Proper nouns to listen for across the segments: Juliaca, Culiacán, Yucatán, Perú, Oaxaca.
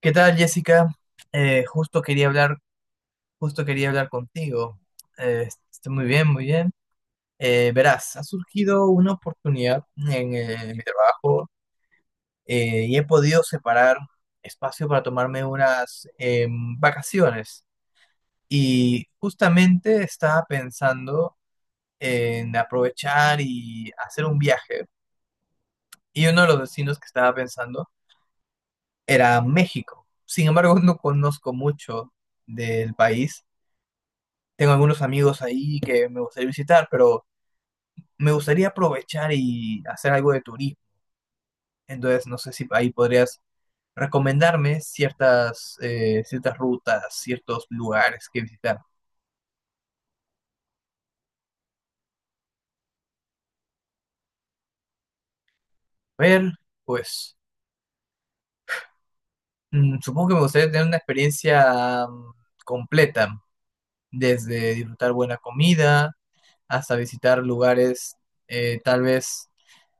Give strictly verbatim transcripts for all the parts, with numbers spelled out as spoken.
¿Qué tal, Jessica? Eh, justo quería hablar, justo quería hablar contigo. Eh, estoy muy bien, muy bien. Eh, verás, ha surgido una oportunidad en, eh, en mi trabajo eh, y he podido separar espacio para tomarme unas em, vacaciones. Y justamente estaba pensando en aprovechar y hacer un viaje. Y uno de los destinos que estaba pensando era México. Sin embargo, no conozco mucho del país. Tengo algunos amigos ahí que me gustaría visitar, pero me gustaría aprovechar y hacer algo de turismo. Entonces, no sé si ahí podrías recomendarme ciertas, eh, ciertas rutas, ciertos lugares que visitar. A ver, pues mm, supongo que me gustaría tener una experiencia mm, completa, desde disfrutar buena comida hasta visitar lugares eh, tal vez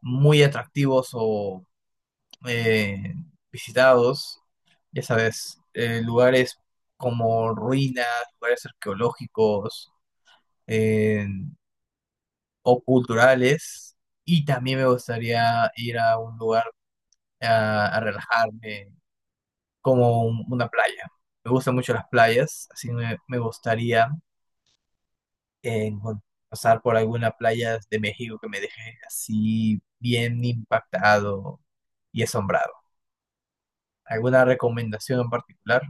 muy atractivos o eh, visitados, ya sabes, eh, lugares como ruinas, lugares arqueológicos eh, o culturales. Y también me gustaría ir a un lugar a, a relajarme, como un- una playa. Me gustan mucho las playas, así me, me gustaría eh, encon- pasar por alguna playa de México que me deje así bien impactado y asombrado. ¿Alguna recomendación en particular?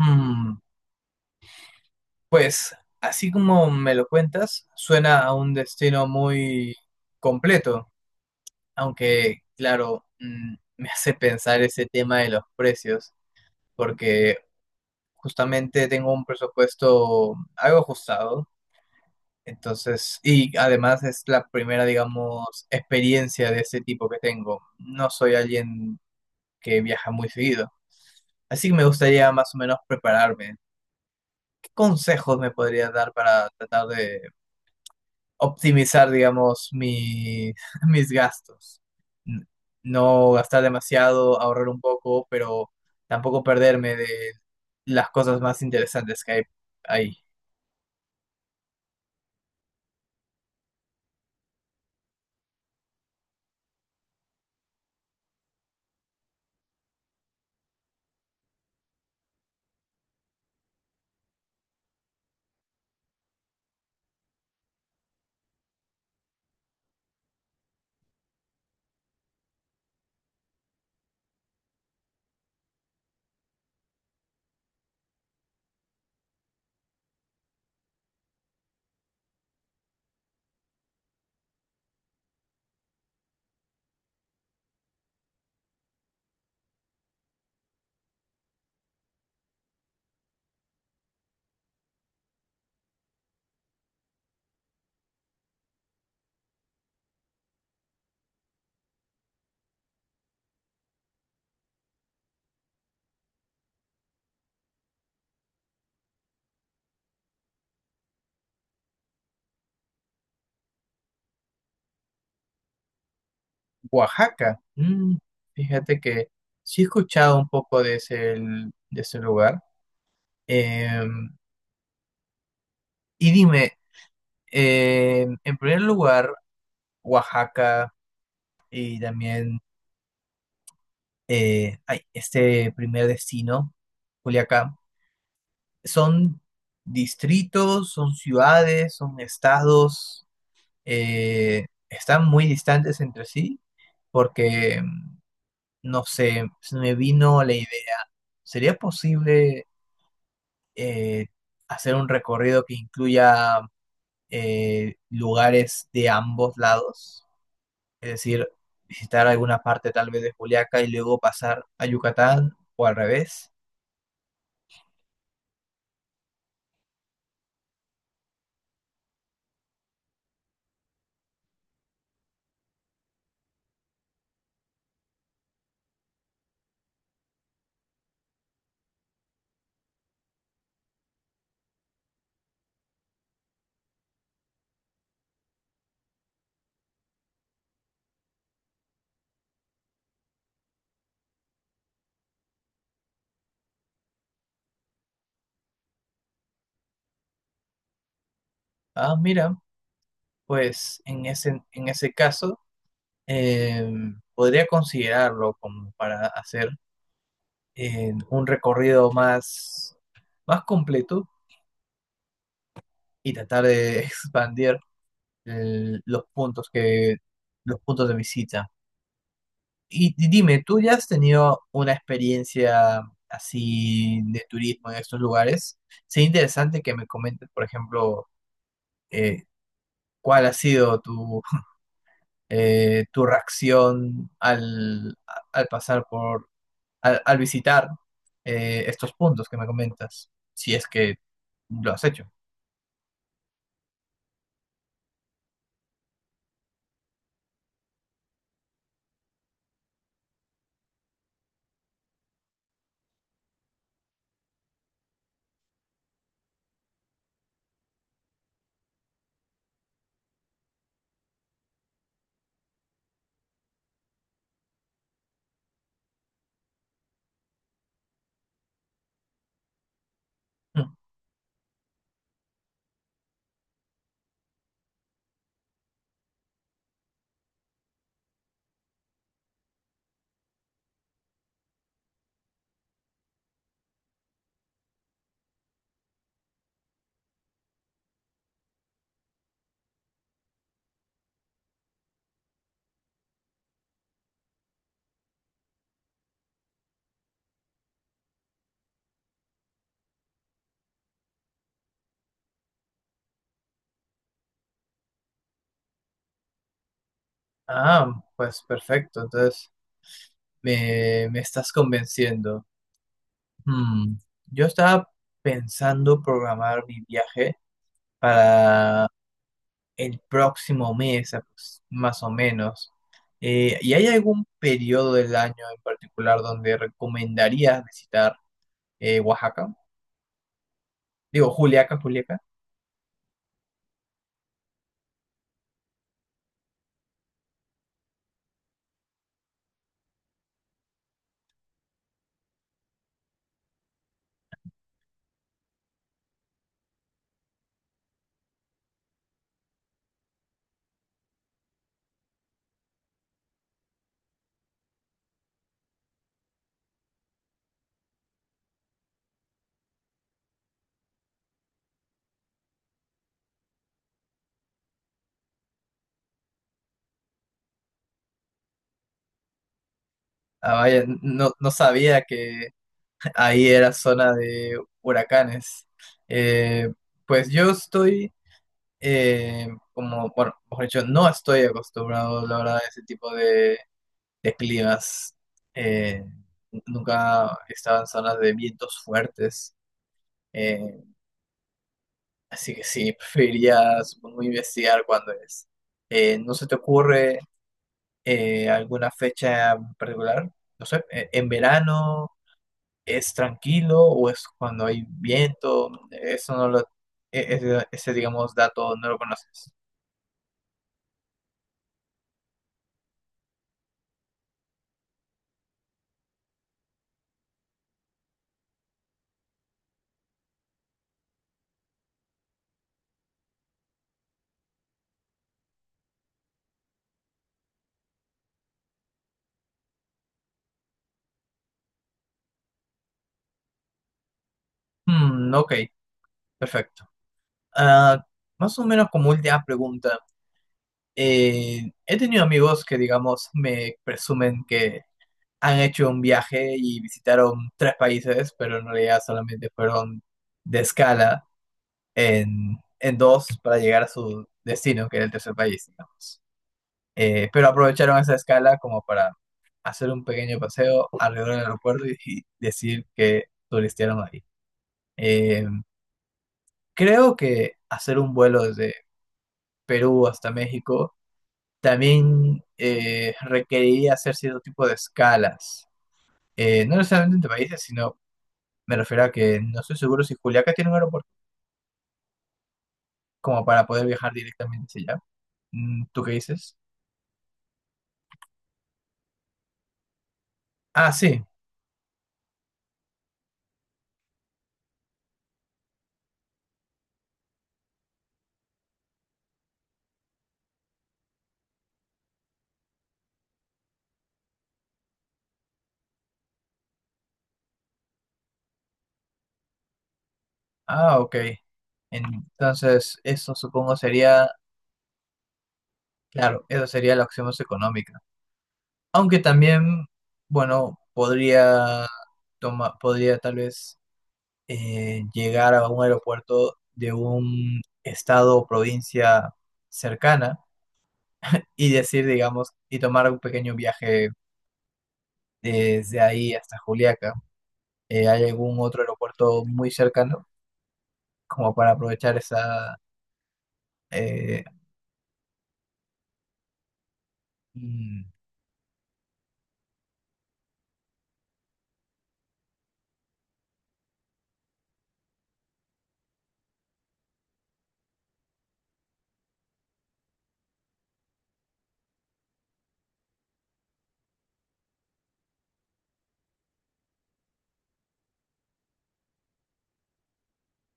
Mm, pues así como me lo cuentas, suena a un destino muy completo, aunque, claro, mm, me hace pensar ese tema de los precios, porque justamente tengo un presupuesto algo ajustado, entonces, y además es la primera, digamos, experiencia de ese tipo que tengo. No soy alguien que viaja muy seguido, así que me gustaría más o menos prepararme. ¿Qué consejos me podrías dar para tratar de optimizar, digamos, mi- mis gastos? N- No gastar demasiado, ahorrar un poco, pero tampoco perderme de las cosas más interesantes que hay ahí. Oaxaca. Mm, fíjate que sí he escuchado un poco de ese, de ese lugar. Em, y dime, em, en primer lugar, Oaxaca y también eh, ay, este primer destino, Culiacán. Son distritos, son ciudades, son estados, eh, están muy distantes entre sí porque, no sé, se me vino la idea. ¿Sería posible eh, hacer un recorrido que incluya eh, lugares de ambos lados? Es decir, visitar alguna parte tal vez de Juliaca y luego pasar a Yucatán o al revés. Ah, mira, pues en ese, en ese caso eh, podría considerarlo como para hacer eh, un recorrido más, más completo y tratar de expandir el- los puntos que, los puntos de visita. Y di- dime, ¿tú ya has tenido una experiencia así de turismo en estos lugares? Sería interesante que me comentes, por ejemplo, eh, cuál ha sido tu, eh, tu reacción al, a- al pasar por al, al visitar eh, estos puntos que me comentas, si es que lo has hecho. Mm. Ah, pues perfecto, entonces me, me estás convenciendo. Mm, yo estaba pensando programar mi viaje para el próximo mes, aprox- más o menos. Eh, ¿y hay algún periodo del año en particular donde recomendarías visitar eh, Oaxaca? Digo, Juliaca, Juliaca. Ah, vaya, no, no sabía que ahí era zona de huracanes. Eh, pues yo estoy, eh, como, bueno, mejor dicho, no estoy acostumbrado, la verdad, a ese tipo de, de climas. Eh, Nunca he estado en zonas de vientos fuertes, eh, así que sí, preferiría, supongo, investigar cuándo es. Eh, ¿no se te ocurre eh, alguna fecha en particular? No sé, eh, en verano, ¿es tranquilo o es cuando hay viento? Eso no lo, e- ese, ese, digamos, dato no lo conoces. Hmm, ok, perfecto. Ah, más o menos como última pregunta. Eh, he tenido amigos que, digamos, me presumen que han hecho un viaje y visitaron tres países, pero en realidad solamente fueron de escala en, en dos para llegar a su destino, que era el tercer país, digamos. Eh, pero aprovecharon esa escala como para hacer un pequeño paseo alrededor del aeropuerto y, y decir que turistearon ahí. Eh, creo que hacer un vuelo desde Perú hasta México también eh, requeriría hacer cierto tipo de escalas. Eh, no necesariamente entre países, sino me refiero a que no estoy seguro si Juliaca tiene un aeropuerto como para poder viajar directamente hacia allá. Mm, ¿tú qué dices? Ah, sí. Ah, ok. Entonces, eso supongo sería... Claro, eso sería la opción más económica. Aunque también, bueno, podría toma, podría tal vez eh, llegar a un aeropuerto de un estado o provincia cercana y decir, digamos, y tomar un pequeño viaje desde ahí hasta Juliaca. Eh, ¿hay algún otro aeropuerto muy cercano como para aprovechar esa... eh, mm,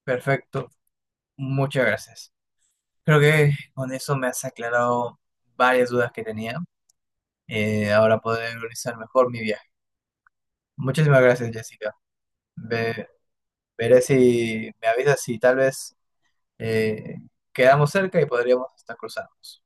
perfecto, muchas gracias. Creo que con eso me has aclarado varias dudas que tenía. Eh, ahora poder organizar mejor mi viaje. Muchísimas gracias, Jessica. Ve- Veré si me avisas si tal vez eh, quedamos cerca y podríamos hasta cruzarnos.